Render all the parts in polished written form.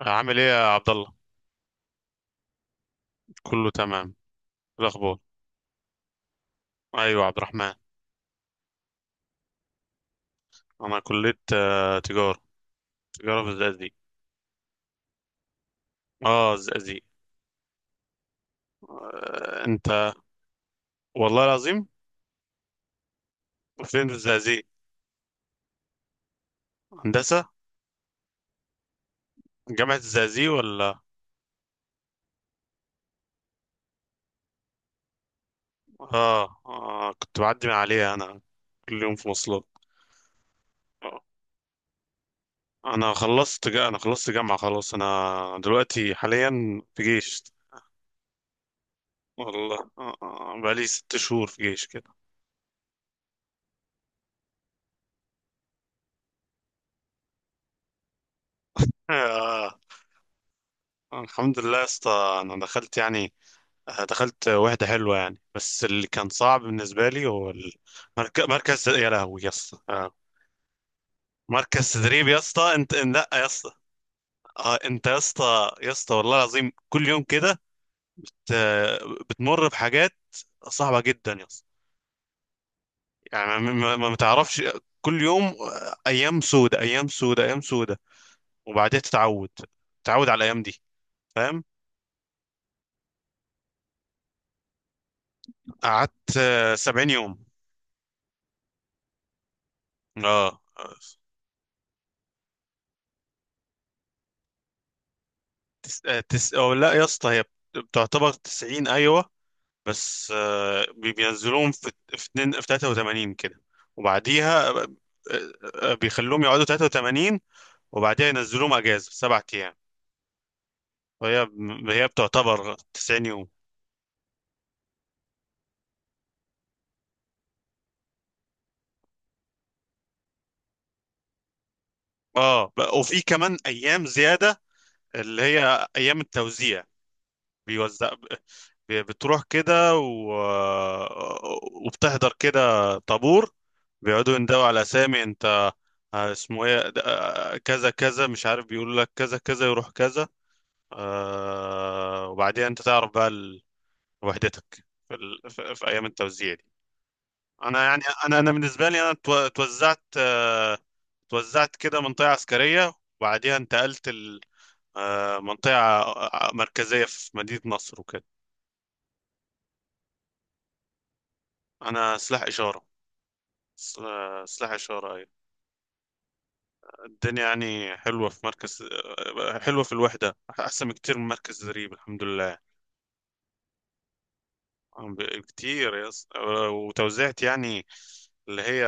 عامل ايه يا عبد الله؟ كله تمام. إيه الاخبار؟ ايوه، عبد الرحمن. انا كليه تجاره. تجاره في الزقازيق. اه، الزقازيق. انت؟ والله العظيم. فين في الزقازيق؟ هندسه؟ جامعه الزقازيق ولا؟ كنت بعدي من عليها انا. كل يوم في مواصلات. آه، انا خلصت جامعه خلاص. انا دلوقتي حاليا في جيش. والله، بقالي 6 شهور في جيش كده. آه. الحمد لله يا اسطى، انا دخلت يعني، دخلت واحدة حلوة يعني، بس اللي كان صعب بالنسبة لي هو مركز، يا لهوي يا اسطى. آه. مركز تدريب يا اسطى، انت لا يا اسطى. اه، انت يا اسطى يا اسطى، والله العظيم، كل يوم كده ت- بتمر بحاجات صعبة جدا يا اسطى. يعني، ما تعرفش. كل يوم ايام سودة، ايام سودة، ايام سودة، وبعدين تتعود، تتعود على الايام دي. فاهم؟ قعدت 70 يوم. اه آه. أو لا يا اسطى، هي بتعتبر 90، ايوه. بس، بينزلوهم في في 83 كده. وبعديها، بيخلوهم يقعدوا 83، وبعديها ينزلوهم اجازه 7 ايام، وهي بتعتبر 90 يوم. اه، وفي كمان ايام زياده اللي هي ايام التوزيع. بيوزع بتروح كده وبتحضر كده، طابور، بيقعدوا يندوا على اسامي، انت اسمه ايه آه، كذا كذا مش عارف، بيقول لك كذا كذا يروح كذا. وبعدين انت تعرف بقى وحدتك في في ايام التوزيع دي. انا بالنسبه لي، انا توزعت، توزعت كده منطقه عسكريه، وبعديها انتقلت ال... آه منطقه مركزيه في مدينه نصر وكده. انا سلاح اشاره. سلاح اشاره، ايوه. الدنيا يعني حلوه في مركز، حلوه في الوحده، احسن بكتير من مركز زريب، الحمد لله. عم ب- كتير يس آه، وتوزيعت يعني، اللي هي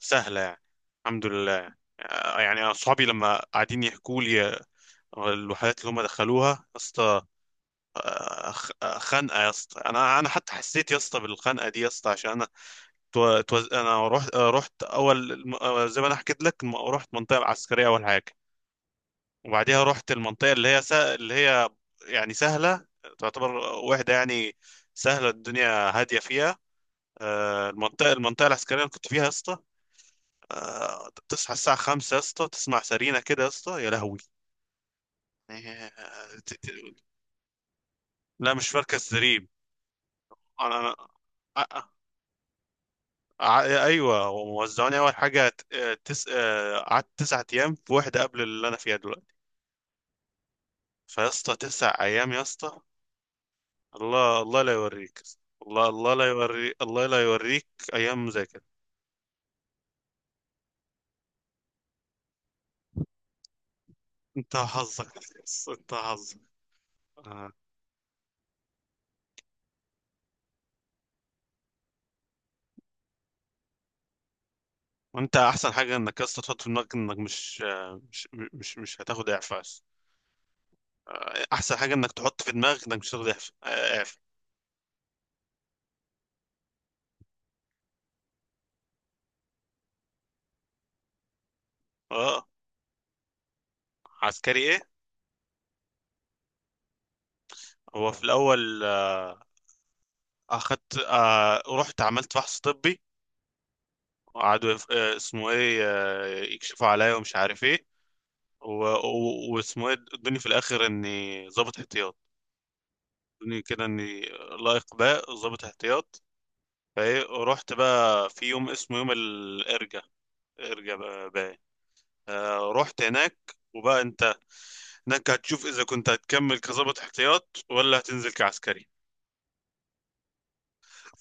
سهله يعني. الحمد لله، يعني أنا أصحابي لما قاعدين يحكوا لي الوحدات اللي هم دخلوها يا اسطى، خنقة يا اسطى. أنا حتى حسيت يا اسطى بالخنقة دي يا اسطى، عشان أنا أنا رحت، رحت أول زي ما أنا حكيت لك، رحت المنطقة العسكرية أول حاجة. وبعديها رحت المنطقة اللي هي يعني سهلة، تعتبر وحدة يعني سهلة، الدنيا هادية فيها. المنطقة العسكرية اللي كنت فيها يا اسطى، تصحى الساعة 5 يا اسطى، تسمع سرينة كده يا اسطى، يا لهوي. لا، مش مركز زريب. انا أنا- أ- أ- ايوه، وموزعوني اول حاجه ت- تس... آه، قعدت 9 ايام في واحده قبل اللي انا فيها دلوقتي. فيا اسطى، 9 ايام يا اسطى، الله الله لا يوريك، الله الله لا يوريك، الله لا يوريك، ايام زي كده. انت حظك، انت حظك. آه. وانت احسن حاجه انك يا اسطى تحط في دماغك انك مش آه، مش مش مش هتاخد اعفاء. احسن حاجه انك تحط في دماغك انك مش هتاخد اعفاء، اعفاء. اه، عسكري إيه؟ هو في الاول، آه، اخدت آه، رحت عملت فحص طبي، وقعدوا يف- آه، اسمه ايه آه، يكشفوا عليا ومش عارف ايه، واسمه ايه ادوني في الاخر اني ضابط احتياط. ادوني كده اني لائق باء ضابط احتياط. فايه رحت بقى في يوم اسمه يوم الارجا، ارجا بقى. رحت هناك، وبقى انت هناك هتشوف اذا كنت هتكمل كضابط احتياط ولا هتنزل كعسكري.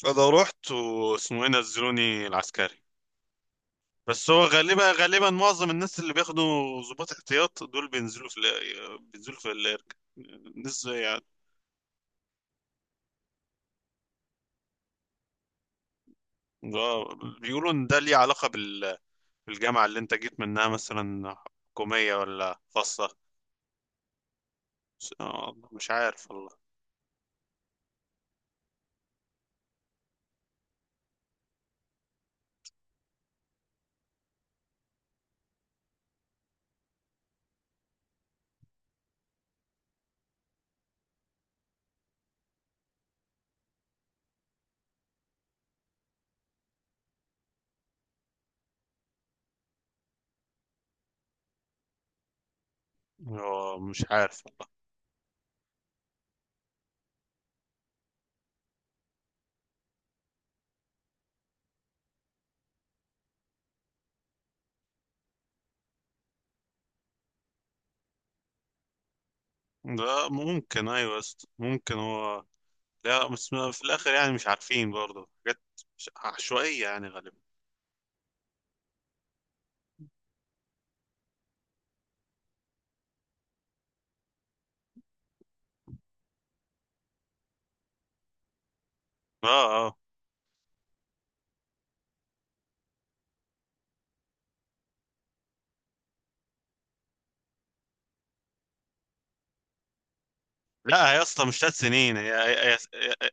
فانا رحت واسمه ايه نزلوني العسكري. بس هو غالبا معظم الناس اللي بياخدوا ضباط احتياط دول بينزلوا بينزلوا في الارك، ناس يعني. آه، بيقولوا ان ده ليه علاقة بالجامعة اللي انت جيت منها مثلا، حكومية ولا خاصة. مش عارف والله. مش عارف والله. ده ممكن ايوه يا اسطى. ممكن. هو لا، بس في الاخر يعني مش عارفين برضه حاجات عشوائية يعني، غالبا. اه اه. لا يا اسطى، مش 3 سنين. هي-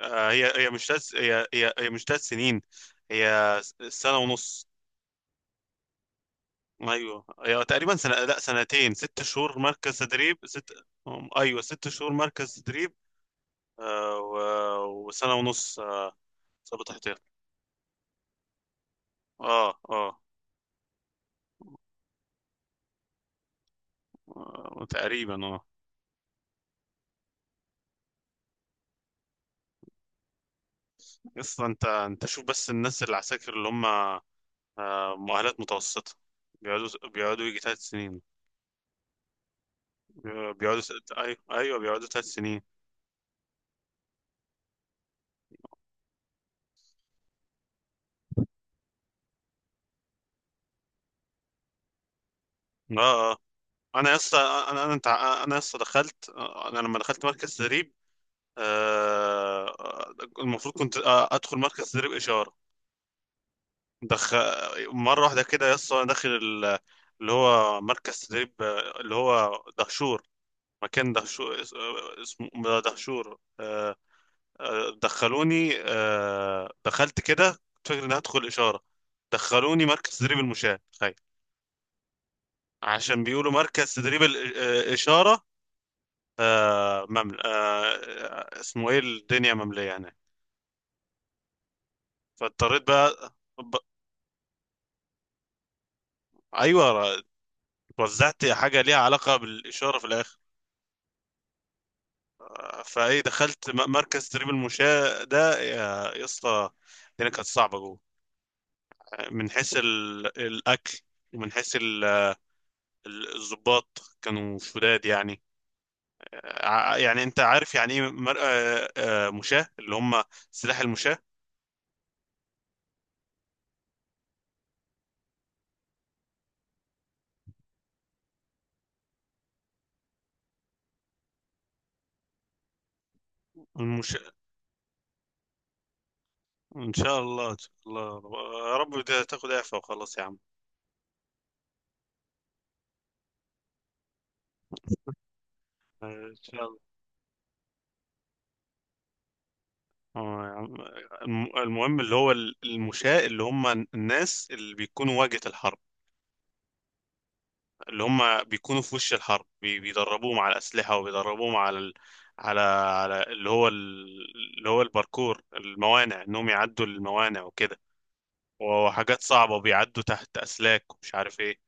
هي مش تلات سنين. هي سنة ونص. ايوه، هي تقريبا سنة، لا سنتين، 6 شهور مركز تدريب، ست. ايوه، 6 شهور مركز تدريب. وسنة ونص. ضابط احتياط. اه اه. تقريبا، اه. اصلا انت شوف بس، الناس اللي العساكر اللي هم مؤهلات متوسطة، بيقعدوا، يجي 3 سنين. ايوه ايوه، بيقعدوا 3 سنين. اه. انا لسه. انا لسه دخلت، انا لما دخلت مركز تدريب آه، المفروض كنت ادخل مركز تدريب اشاره دخ مره واحده كده. لسه انا داخل اللي هو مركز تدريب، اللي هو دهشور، مكان دهشور، اسمه دهشور. دخلوني آه، دخلت كده، كنت فاكر اني هدخل اشاره، دخلوني مركز تدريب المشاة، تخيل، عشان بيقولوا مركز تدريب الاشاره. آه ممل... آه آه، اسمه ايه الدنيا مملية هناك. فاضطريت بقى ايوه، وزعت حاجة ليها علاقة بالإشارة في الآخر. فايه دخلت مركز تدريب المشاة ده، يا يا اسطى، الدنيا كانت صعبة جوه، من حيث الأكل، ومن حيث الضباط كانوا شداد يعني. يعني انت عارف يعني ايه مر... آه، آه، مشاة، اللي هم سلاح المشاة، المشاة. ان شاء الله، ان شاء الله. يا رب تاخد اعفاء وخلاص يا عم. ان شاء الله. يا عم. المهم، اللي هو المشاة اللي هم الناس اللي بيكونوا واجهة الحرب، اللي هم بيكونوا في وش الحرب، بيدربوهم على الأسلحة، وبيدربوهم على على اللي هو اللي هو الباركور، الموانع، انهم يعدوا الموانع وكده، وحاجات صعبة، وبيعدوا تحت أسلاك ومش عارف ايه.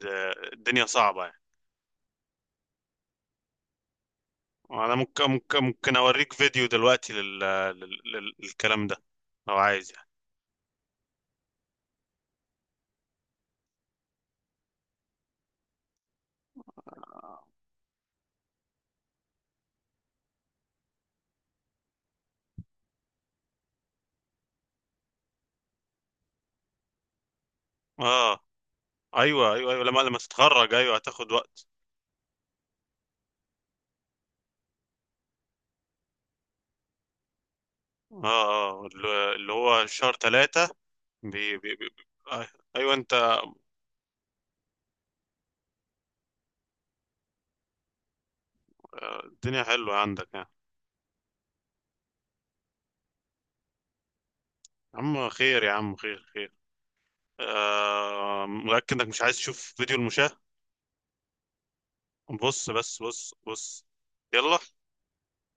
الدنيا صعبة يعني. انا ممكن اوريك فيديو دلوقتي للكلام ده، لو عايز يعني. اه. ايوه ايوه ايوه، لما تتخرج، ايوه هتاخد وقت. اه اه، اللي هو شهر 3 بي بي بي آه، ايوه، انت. الدنيا حلوة عندك يعني. يا عم خير، يا عم خير خير. متأكد انك مش عايز تشوف فيديو المشاة؟ بص بس، بص بص. يلا.